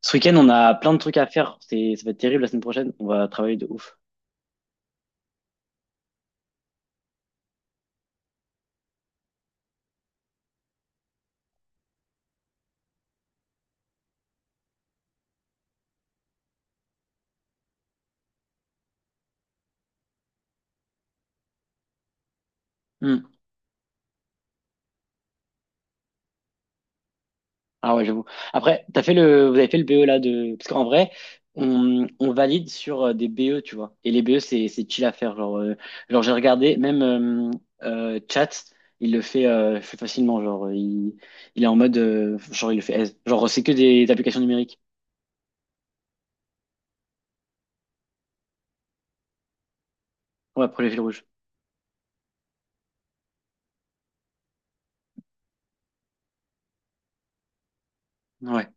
Ce week-end, on a plein de trucs à faire. Ça va être terrible la semaine prochaine. On va travailler de ouf. Hmm. Ah ouais, j'avoue. Après, vous avez fait le BE là parce qu'en vrai, on valide sur des BE, tu vois. Et les BE, c'est chill à faire. Genre, j'ai regardé, même Chat, le fait facilement. Il est en mode, genre, il le fait aise. Genre, c'est que des applications numériques. Ouais, pour les fils rouges. Ouais.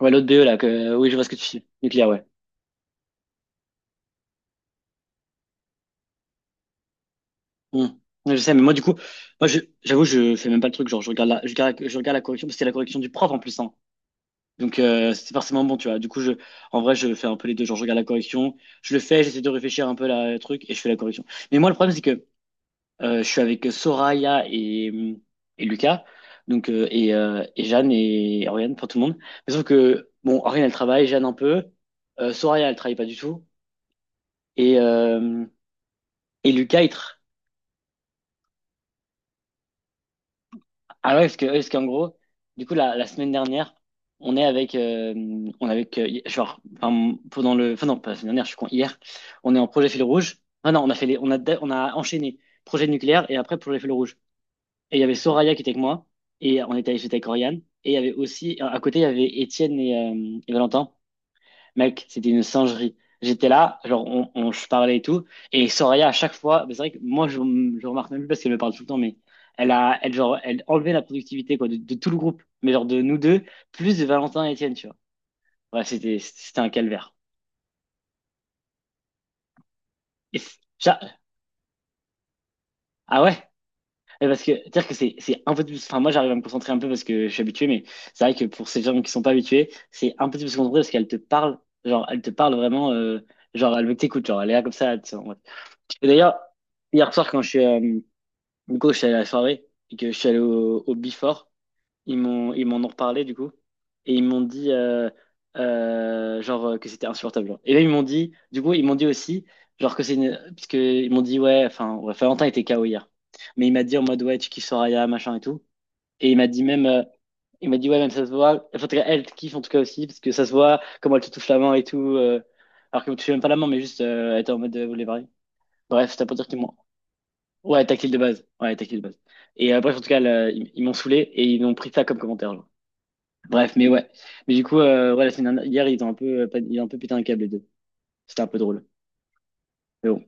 Ouais, l'autre BE là, oui, je vois ce que tu dis. Nucléaire, ouais. Hmm. Ouais, je sais, mais moi, du coup, j'avoue, je fais même pas le truc. Genre, je regarde la correction, parce que c'est la correction du prof en plus, hein. Donc, c'est forcément bon, tu vois. Du coup, en vrai, je fais un peu les deux. Genre, je regarde la correction, je le fais, j'essaie de réfléchir un peu le truc, et je fais la correction. Mais moi, le problème, c'est que je suis avec Soraya et Lucas, donc, et Jeanne et Oriane, pour tout le monde. Mais sauf que, bon, Oriane, elle travaille, Jeanne un peu, Soraya, elle travaille pas du tout, et, euh, et Lucas, il travaille. Ah ouais, ouais, parce qu'en gros, du coup, la semaine dernière, on est avec, euh, on est avec, hi- genre, enfin, pendant le, enfin non, pas la semaine dernière, je suis con, hier, on est en projet fil rouge. Ah non, on a fait les, on a, da- on a enchaîné projet nucléaire et après projet fil rouge. Et il y avait Soraya qui était avec moi, et on était allé avec Oriane, et il y avait aussi, à côté, il y avait Étienne et Valentin. Mec, c'était une singerie. J'étais là, genre, je parlais et tout. Et Soraya, à chaque fois, mais c'est vrai que moi, je remarque même plus parce qu'elle me parle tout le temps, mais genre, elle enlevait la productivité, quoi, de tout le groupe, mais genre de nous deux, plus de Valentin et Étienne, tu vois. Ouais, c'était un calvaire. Et c'est- j'a- ah ouais? Mais parce que dire que c'est un peu plus, enfin, moi, j'arrive à me concentrer un peu parce que je suis habitué, mais c'est vrai que pour ces gens qui sont pas habitués, c'est un peu plus concentré parce qu'elle te parle, genre, elle te parle vraiment, genre, elle veut que t'écoutes, genre, elle est là comme ça. Et d'ailleurs, hier soir, quand du coup, je suis allé à la soirée et que je suis allé au Before, ils m'en ont reparlé du coup. Et ils m'ont dit, genre, que c'était insupportable. Genre. Et là, ils m'ont dit, du coup, ils m'ont dit aussi, genre, que c'est une. Parce que ils m'ont dit, ouais, enfin, ouais, Valentin était KO hier. Mais il m'a dit en mode, ouais, tu kiffes Soraya, machin et tout. Et il m'a dit il m'a dit, ouais, même ça se voit. Enfin, en tout cas, elle te kiffe en tout cas aussi, parce que ça se voit comment elle te touche la main et tout. Alors qu'elle ne touche même pas la main, mais juste, elle était en mode, vous voulez parler. Bref, c'était pour dire qu'ils m'ont. Ouais, tactile de base. Ouais, tactile de base. Et bref, en tout cas, là, ils m'ont saoulé et ils ont pris ça comme commentaire. Genre. Bref, mais ouais. Mais du coup, ouais, la semaine dernière, hier, ils ont un peu, ils ont un peu pété un câble, les deux. C'était un peu drôle. Mais bon.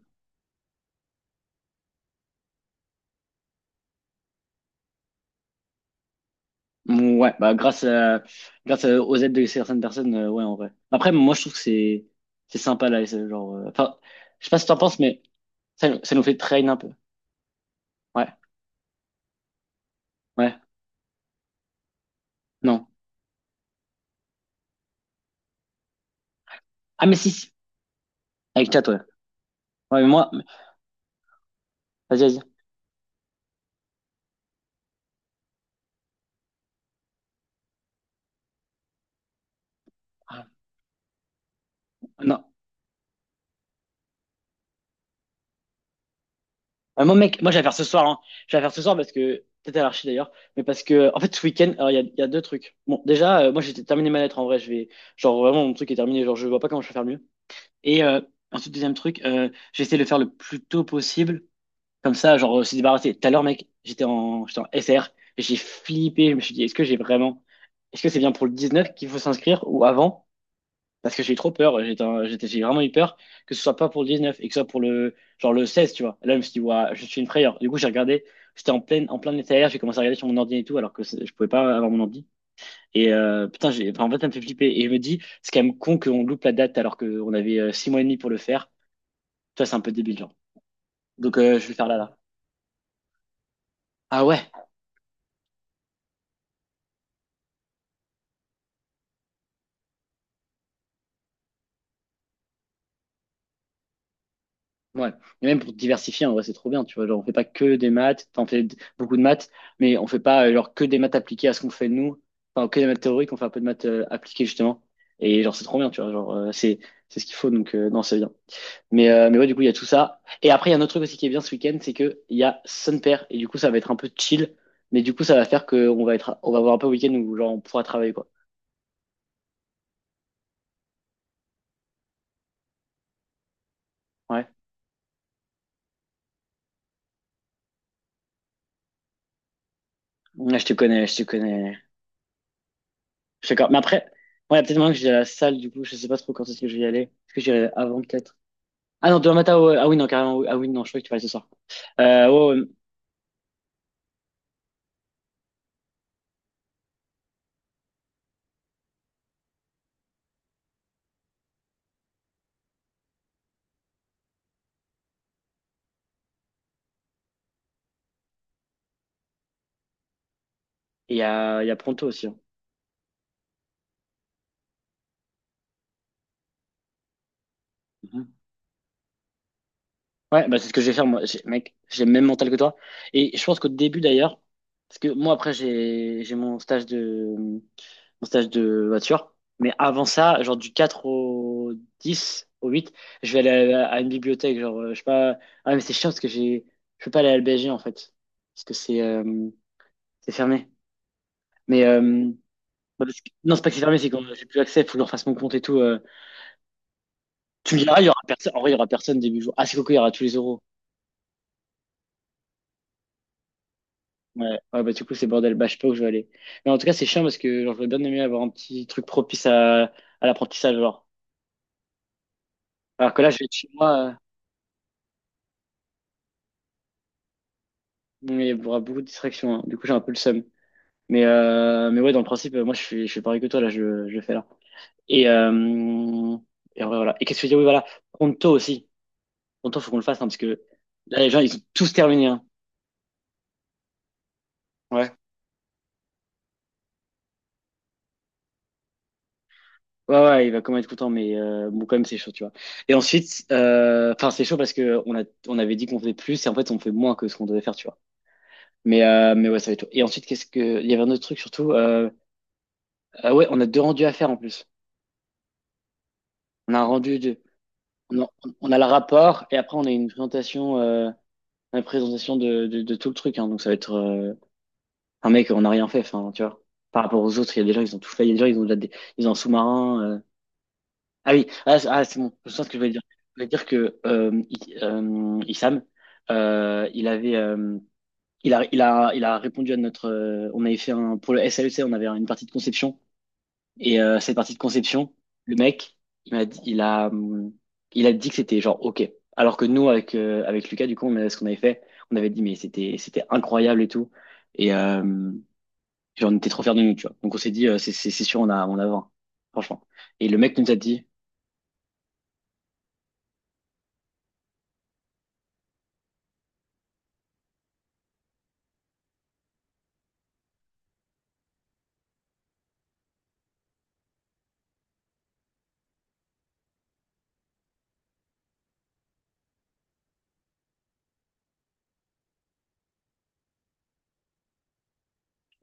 Mm, ouais, bah, grâce à, grâce aux aides de certaines personnes, ouais, en vrai. Après, moi, je trouve que c'est sympa, là, et c'est genre, enfin, je sais pas si t'en penses, mais ça nous fait train un peu. Ouais, ouais, non. Ah, mais si, si. Avec chat, ouais. Ouais, mais moi, vas-y, vas-y. Ah, non, ah, moi, mec, moi, je vais la faire ce soir, hein. Je vais la faire ce soir parce que, peut-être à l'archi d'ailleurs, mais parce que, en fait, ce week-end, alors, il y a deux trucs. Bon, déjà, moi, j'ai terminé ma lettre, en vrai, genre, vraiment, mon truc est terminé, genre, je vois pas comment je peux faire mieux. Et, ensuite, deuxième truc, j'ai essayé de le faire le plus tôt possible, comme ça, genre, se débarrasser. Tout à l'heure, mec, j'étais en SR, et j'ai flippé, je me suis dit, est-ce que j'ai vraiment, est-ce que c'est bien pour le 19 qu'il faut s'inscrire, ou avant? Parce que j'ai eu trop peur, j'ai vraiment eu peur que ce soit pas pour le 19 et que ce soit pour le 16, tu vois. Et là, je me suis dit, ouah, je suis une frayeur. Du coup, j'ai regardé, j'étais en plein état, j'ai commencé à regarder sur mon ordi et tout, alors que je pouvais pas avoir mon ordi. Et putain, enfin, en fait, ça me fait flipper. Et je me dis, c'est quand même con qu'on loupe la date alors qu'on avait 6 mois et demi pour le faire. Toi, c'est un peu débile, genre. Donc, je vais le faire là, là. Ah ouais? Ouais. Et même pour diversifier, en vrai, c'est trop bien, tu vois. Genre, on fait pas que des maths, t'en fais beaucoup de maths, mais on fait pas genre que des maths appliquées à ce qu'on fait nous. Enfin, que des maths théoriques, on fait un peu de maths appliquées, justement. Et genre, c'est trop bien, tu vois. Genre, c'est ce qu'il faut, donc, non, c'est bien. Mais ouais, du coup, il y a tout ça. Et après, il y a un autre truc aussi qui est bien ce week-end, c'est que il y a Sun Pair, et du coup, ça va être un peu chill, mais du coup, ça va faire que on va avoir un peu un week-end où, genre, on pourra travailler, quoi. Ouais. Ouais, je te connais, je te connais. Je suis d'accord. Mais après, ouais, il y a peut-être maintenant que j'ai à la salle, du coup, je sais pas trop quand est-ce que je vais y aller. Est-ce que j'irai avant, peut-être? Ah non, demain matin, ouais. Ah oui, non, carrément. Oui. Ah oui, non, je crois que tu vas aller ce soir. Ouais, ouais. Et il y a Pronto aussi, hein. Mhm. Ouais, bah c'est ce que je vais faire, moi. Mec, j'ai le même mental que toi. Et je pense qu'au début, d'ailleurs, parce que moi, après, j'ai mon stage de voiture. Mais avant ça, genre du 4 au 10, au 8, je vais aller à une bibliothèque. Genre, je sais pas. Ah, mais c'est chiant parce que j'ai je peux pas aller à l'BG, en fait. Parce que c'est fermé. Mais bah, non, c'est pas que c'est fermé, c'est que j'ai plus accès, faut que je refasse mon compte et tout. Tu me diras, il y aura personne. En vrai, il y aura personne début jour. Ah, c'est coco, il y aura tous les euros. Ouais, ouais, bah du coup c'est bordel, bah je sais pas où je vais aller. Mais en tout cas c'est chiant parce que genre, j'aurais bien aimé avoir un petit truc propice à l'apprentissage genre. Alors que là je vais être chez moi, mais il y aura beaucoup de distractions, hein. Du coup j'ai un peu le seum. Mais ouais, dans le principe moi je suis pareil que toi, là je le fais là. Et euh, et en vrai, voilà. Et qu'est-ce que je veux dire? Oui, voilà, Pronto aussi. Pronto faut qu'on le fasse, hein, parce que là les gens ils ont tous terminé, hein. Ouais. Ouais, ouais, il va quand même être content, mais bon, quand même, c'est chaud, tu vois. Et ensuite, enfin, c'est chaud parce que on avait dit qu'on faisait plus et en fait, on fait moins que ce qu'on devait faire, tu vois. Mais ouais, ça va être chaud. Et ensuite, qu'est-ce que, il y avait un autre truc surtout. Ah ouais, on a deux rendus à faire en plus. On a un rendu de, on a, on a le rapport et après, on a une présentation de tout le truc, hein. Donc, ça va être un mec, on n'a rien fait, enfin, tu vois. Par rapport aux autres, il y a des gens, ils ont tout fait. Il y a des gens, ils ont déjà des, ils ont un sous-marin. Ah oui, ah, c'est bon, je sens ce que je voulais dire. Je voulais dire que Issam, il avait, euh, il a répondu à notre. On avait fait un pour le SAEC, on avait une partie de conception et cette partie de conception, le mec, il m'a dit, il a dit que c'était genre ok. Alors que nous avec avec Lucas, du coup, ce qu'on avait fait, on avait dit mais c'était incroyable et tout et genre, on était trop fiers de nous, tu vois. Donc on s'est dit c'est c'est sûr on a 20, franchement. Et le mec nous a dit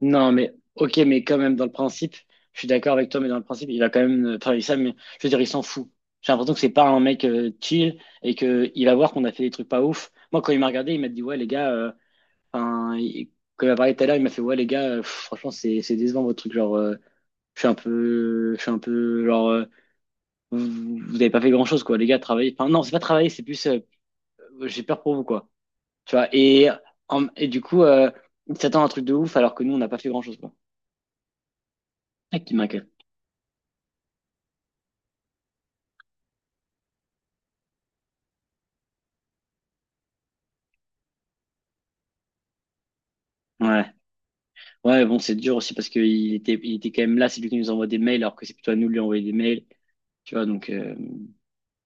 non, mais ok, mais quand même, dans le principe, je suis d'accord avec toi, mais dans le principe, il a quand même travaillé ça, mais je veux dire, il s'en fout. J'ai l'impression que c'est pas un mec chill et que il va voir qu'on a fait des trucs pas ouf. Moi, quand il m'a regardé, il m'a dit, ouais, les gars, enfin, il- quand il m'a parlé tout à l'heure, il m'a fait, ouais, les gars, pff, franchement, c'est décevant votre truc. Genre, je suis un peu, genre, vous avez pas fait grand-chose, quoi, les gars, travailler. Enfin, non, c'est pas travailler, c'est plus, j'ai peur pour vous, quoi. Tu vois, et du coup, il s'attend à un truc de ouf alors que nous, on n'a pas fait grand-chose, quoi. Ah, qui m'inquiète. Ouais. Ouais, bon, c'est dur aussi parce qu'il était quand même là, c'est lui qui nous envoie des mails, alors que c'est plutôt à nous de lui envoyer des mails, tu vois, donc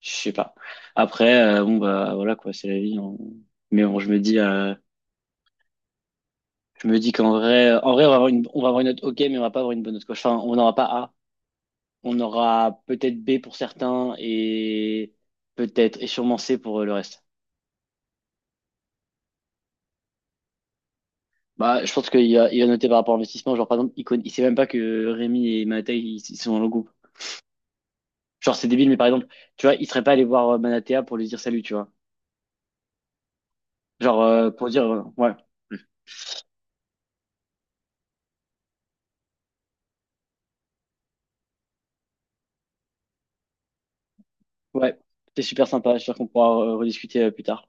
je sais pas. Après, bon, bah voilà quoi, c'est la vie. Mais bon, je me dis qu'en vrai, en vrai, on va avoir une note OK, mais on va pas avoir une bonne note quoi. Enfin, on n'aura pas A, on aura peut-être B pour certains et peut-être et sûrement C pour le reste. Bah, je pense qu'il a noté par rapport à l'investissement, genre par exemple, il connaît, il sait même pas que Rémi et Mattei ils sont dans le groupe. Genre, c'est débile, mais par exemple, tu vois, il serait pas allé voir Manatea pour lui dire salut, tu vois. Genre, pour dire, ouais, ouais, t'es super sympa, je suis sûr qu'on pourra rediscuter plus tard.